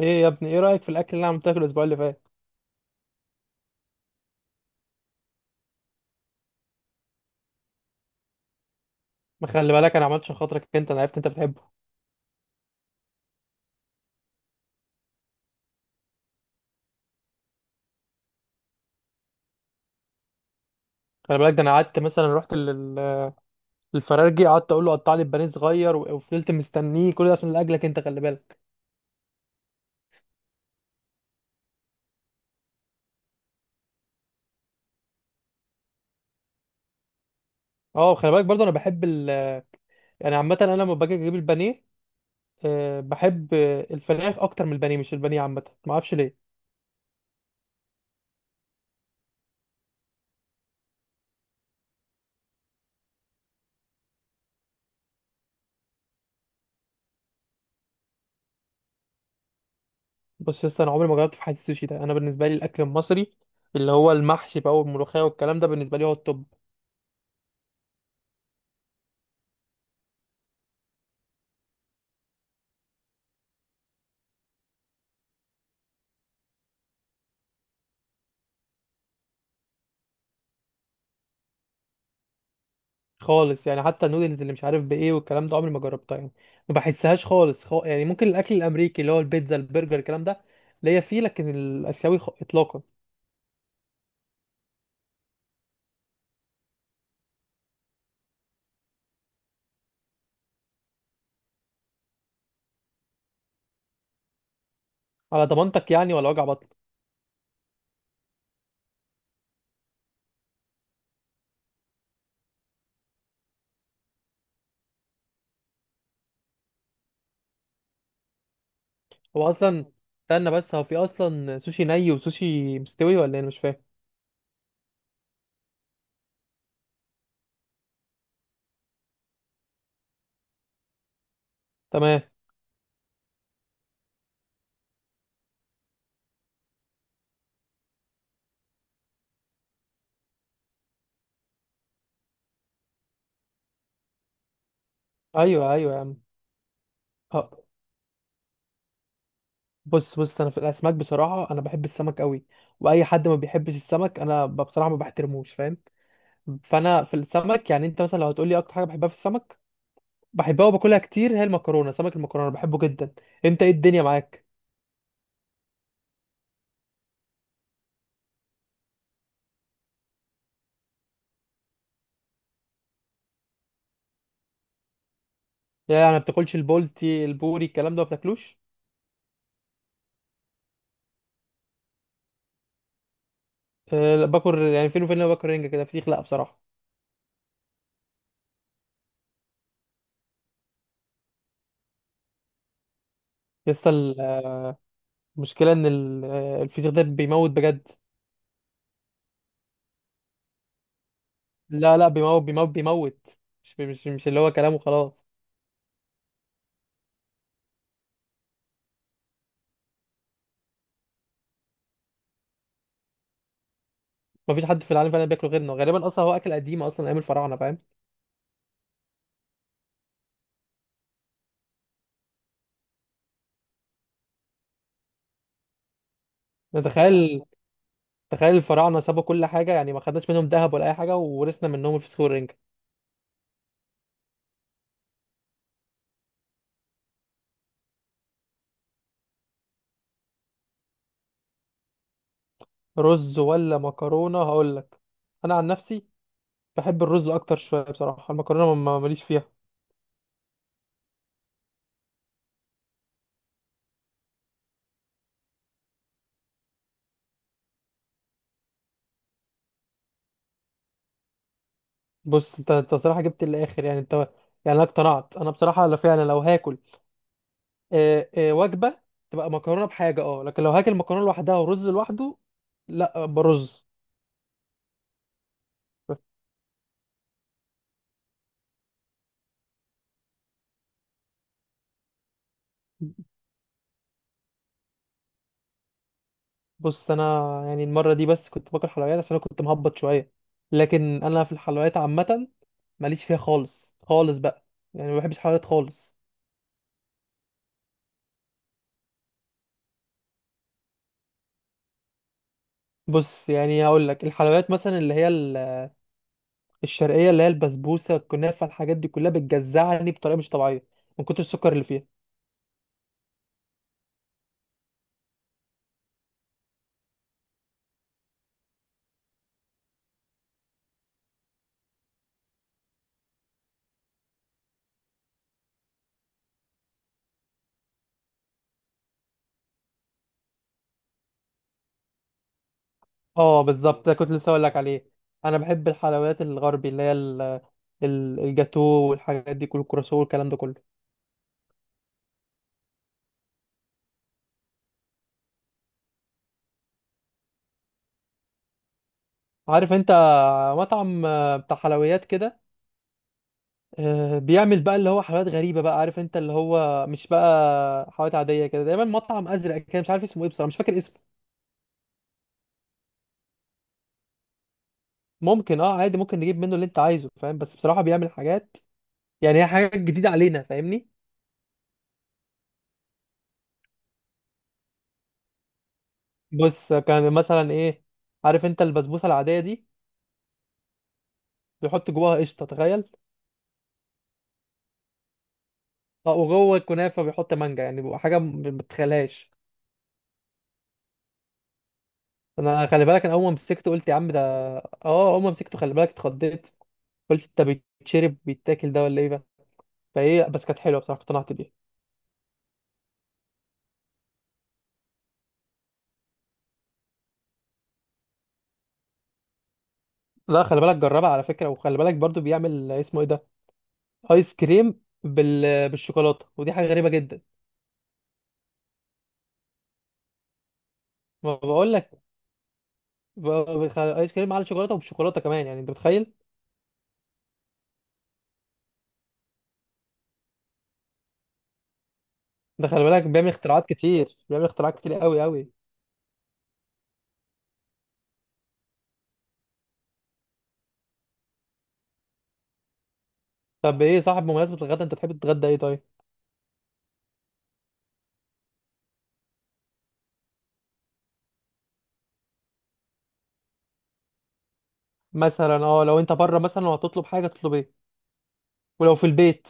ايه يا ابني، ايه رايك في الاكل اللي انا عملته لك الاسبوع اللي فات؟ ما خلي بالك، انا عملت عشان خاطرك انت، انا عرفت انت بتحبه. خلي بالك، ده انا قعدت مثلا رحت للفراخجي، قعدت اقول له قطع لي البانيه صغير، وفضلت مستنيه كل ده عشان لاجلك انت، خلي بالك. اه خلي بالك برضه، انا بحب يعني عامه انا لما باجي اجيب البانيه. أه بحب، الفراخ اكتر من البانيه، مش البانيه، عامه ما اعرفش ليه. بص يا اسطى، انا عمري ما جربت في حياتي السوشي ده، انا بالنسبه لي الاكل المصري اللي هو المحشي بقى والملوخيه والكلام ده بالنسبه لي هو التوب. خالص يعني، حتى النودلز اللي مش عارف بايه والكلام ده عمري ما جربتها يعني، ما بحسهاش خالص. يعني ممكن الاكل الامريكي اللي هو البيتزا البرجر الكلام ده ليا فيه، لكن الاسيوي اطلاقا. على ضمانتك يعني، ولا وجع بطن؟ هو اصلا، استنى بس، هو في اصلا سوشي ني وسوشي مستوي ولا إيه؟ انا مش فاهم. تمام. ايوه ايوه يا عم. آه، بص بص، انا في الاسماك بصراحه انا بحب السمك قوي. واي حد ما بيحبش السمك انا بصراحه ما بحترموش، فاهم؟ فانا في السمك، يعني انت مثلا لو هتقولي اكتر حاجه بحبها في السمك بحبها وباكلها كتير، هي المكرونه سمك، المكرونه بحبه جدا. انت ايه الدنيا معاك؟ يعني ما بتاكلش البولتي البوري الكلام ده ما بتاكلوش؟ أه لا، باكل يعني فين وفين، لما باكل رنجه كده فسيخ لا بصراحه. لسه المشكله ان الفسيخ ده بيموت بجد. لا لا، بيموت بيموت بيموت، مش اللي هو كلامه، خلاص. ما فيش حد في العالم فعلا بياكله غيرنا غالبا، اصلا هو اكل قديم، اصلا ايام الفراعنه، فاهم؟ يعني تخيل، تخيل الفراعنه سابوا كل حاجه، يعني ما خدناش منهم ذهب ولا اي حاجه، وورثنا منهم الفسيخ والرنجه. رز ولا مكرونه؟ هقول لك، انا عن نفسي بحب الرز اكتر شويه بصراحه، المكرونه ماليش فيها. بص انت انت بصراحه جبت الاخر، يعني انت، يعني انا اقتنعت، انا بصراحه لو فعلا، لو هاكل وجبه تبقى مكرونه بحاجه، اه، لكن لو هاكل مكرونه لوحدها ورز لوحده، لا، برز. بص انا، يعني المره دي بس كنت باكل حلويات عشان انا كنت مهبط شويه، لكن انا في الحلويات عامه ماليش فيها خالص خالص بقى، يعني ما بحبش الحلويات خالص. بص يعني هقول لك، الحلويات مثلا اللي هي الشرقيه، اللي هي البسبوسه الكنافه الحاجات دي كلها بتجزعني بطريقه مش طبيعيه من كتر السكر اللي فيها. اه بالظبط، ده كنت لسه اقول لك عليه. انا بحب الحلويات الغربي، اللي هي الجاتو والحاجات دي كل الكراسو والكلام ده كله. عارف انت، مطعم بتاع حلويات كده، بيعمل بقى اللي هو حلويات غريبه بقى، عارف انت اللي هو مش بقى حلويات عاديه كده، دايما مطعم ازرق كده، مش عارف اسمه ايه بصراحه، مش فاكر اسمه. ممكن اه عادي، ممكن نجيب منه اللي انت عايزه، فاهم؟ بس بصراحه بيعمل حاجات، يعني هي حاجات جديده علينا، فاهمني؟ بص كان مثلا ايه، عارف انت البسبوسه العاديه دي، بيحط جواها قشطه، تخيل. اه، وجوه الكنافه بيحط مانجا، يعني بيبقى حاجه ما بتتخيلهاش. انا خلي بالك، انا اول ما مسكته قلت يا عم ده، اه اول ما مسكته خلي بالك اتخضيت، قلت انت، بيتشرب بيتاكل ده ولا ايه ده؟ فايه بس كانت حلوه بصراحه، اقتنعت بيها. لا خلي بالك، جربها على فكره، وخلي بالك برضو بيعمل اسمه ايه ده، ايس كريم بالشوكولاته، ودي حاجه غريبه جدا. ما بقول لك، ب- ايس كريم على الشوكولاته وبالشوكولاته كمان، يعني انت متخيل؟ ده خلي بالك بيعمل اختراعات كتير، بيعمل اختراعات كتير قوي قوي. طب ايه صاحب، بمناسبة الغدا، انت تحب تتغدى ايه طيب؟ مثلا اه، لو انت بره مثلا وهتطلب حاجة تطلب ايه؟ ولو في البيت؟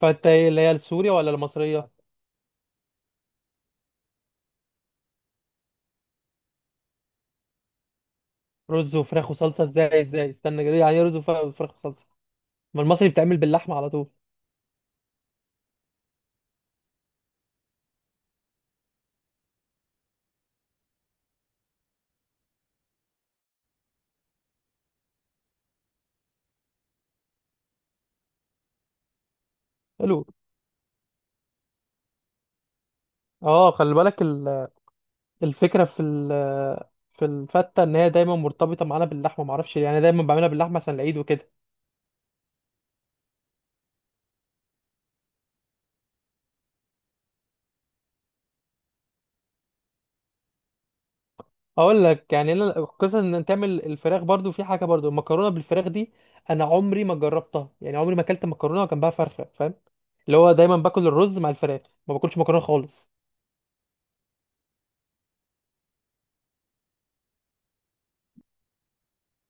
فانت ايه، اللي هي السورية ولا المصرية؟ رز وفراخ وصلصة؟ ازاي ازاي استنى كده، يعني ايه رز وفراخ وفراخ وصلصة؟ ما المصري بيتعمل باللحمة على طول. حلو. اه خلي بالك الفكرة في الفتة ان هي دايما مرتبطة معانا باللحمة، معرفش ليه. يعني أنا دايما بعملها باللحمة عشان العيد وكده. اقول لك يعني، انا قصه ان تعمل الفراخ برضو في حاجه، برضو المكرونه بالفراخ دي انا عمري ما جربتها، يعني عمري ما اكلت مكرونه وجنبها فرخه، فاهم؟ اللي هو دايما باكل الرز مع الفراخ، ما باكلش مكرونه خالص.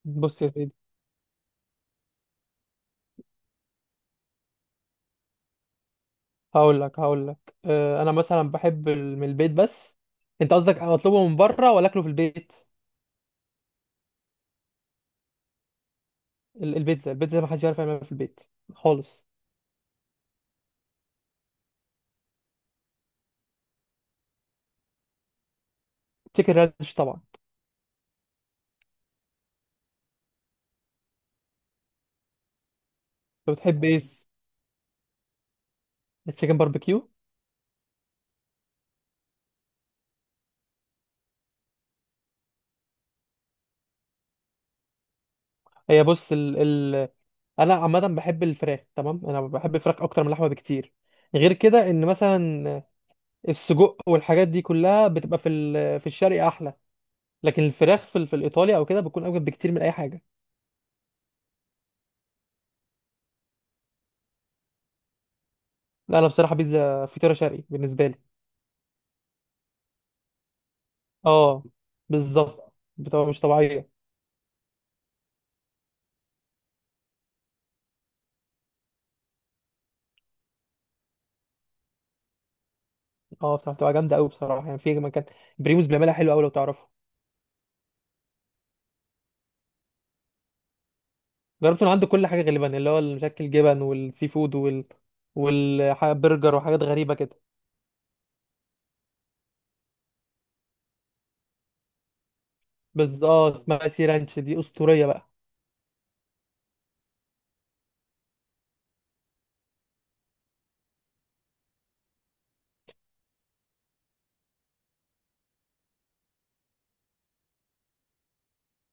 بص يا سيدي، هقول لك انا مثلا بحب من البيت بس، انت قصدك اطلبه من بره ولا اكله في البيت؟ البيتزا، البيتزا ما حدش يعرف يعملها في البيت خالص. تشيكن رانش طبعا. انت بتحب ايه؟ التشيكن باربيكيو؟ هي بص، انا عامه بحب الفراخ، تمام. انا بحب الفراخ اكتر من اللحمه بكتير، غير كده ان مثلا السجق والحاجات دي كلها بتبقى في الشرق احلى، لكن الفراخ في الايطالي او كده بتكون اوجب بكتير من اي حاجه. لا انا بصراحه، بيتزا فطيره شرقي بالنسبه لي. اه بالظبط، بتبقى مش طبيعيه. اه بتبقى بتبقى جامده قوي بصراحه، يعني في مكان بريموس بيعملها حلو قوي لو تعرفه. جربت من عنده كل حاجه غالبا، اللي هو المشكل جبن والسي فود والبرجر وحاجات غريبه كده. بس اه اسمها سي رانش دي اسطوريه بقى.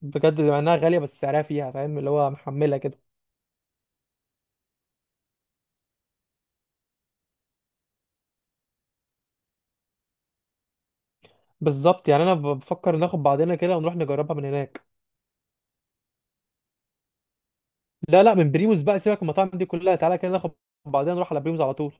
بجد، مع انها غاليه بس سعرها فيها، فاهم؟ اللي هو محمله كده. بالظبط، يعني انا بفكر ناخد بعضنا كده ونروح نجربها من هناك. لا لا، من بريموز بقى، سيبك من المطاعم دي كلها، تعالى كده ناخد بعضنا نروح على بريموز على طول.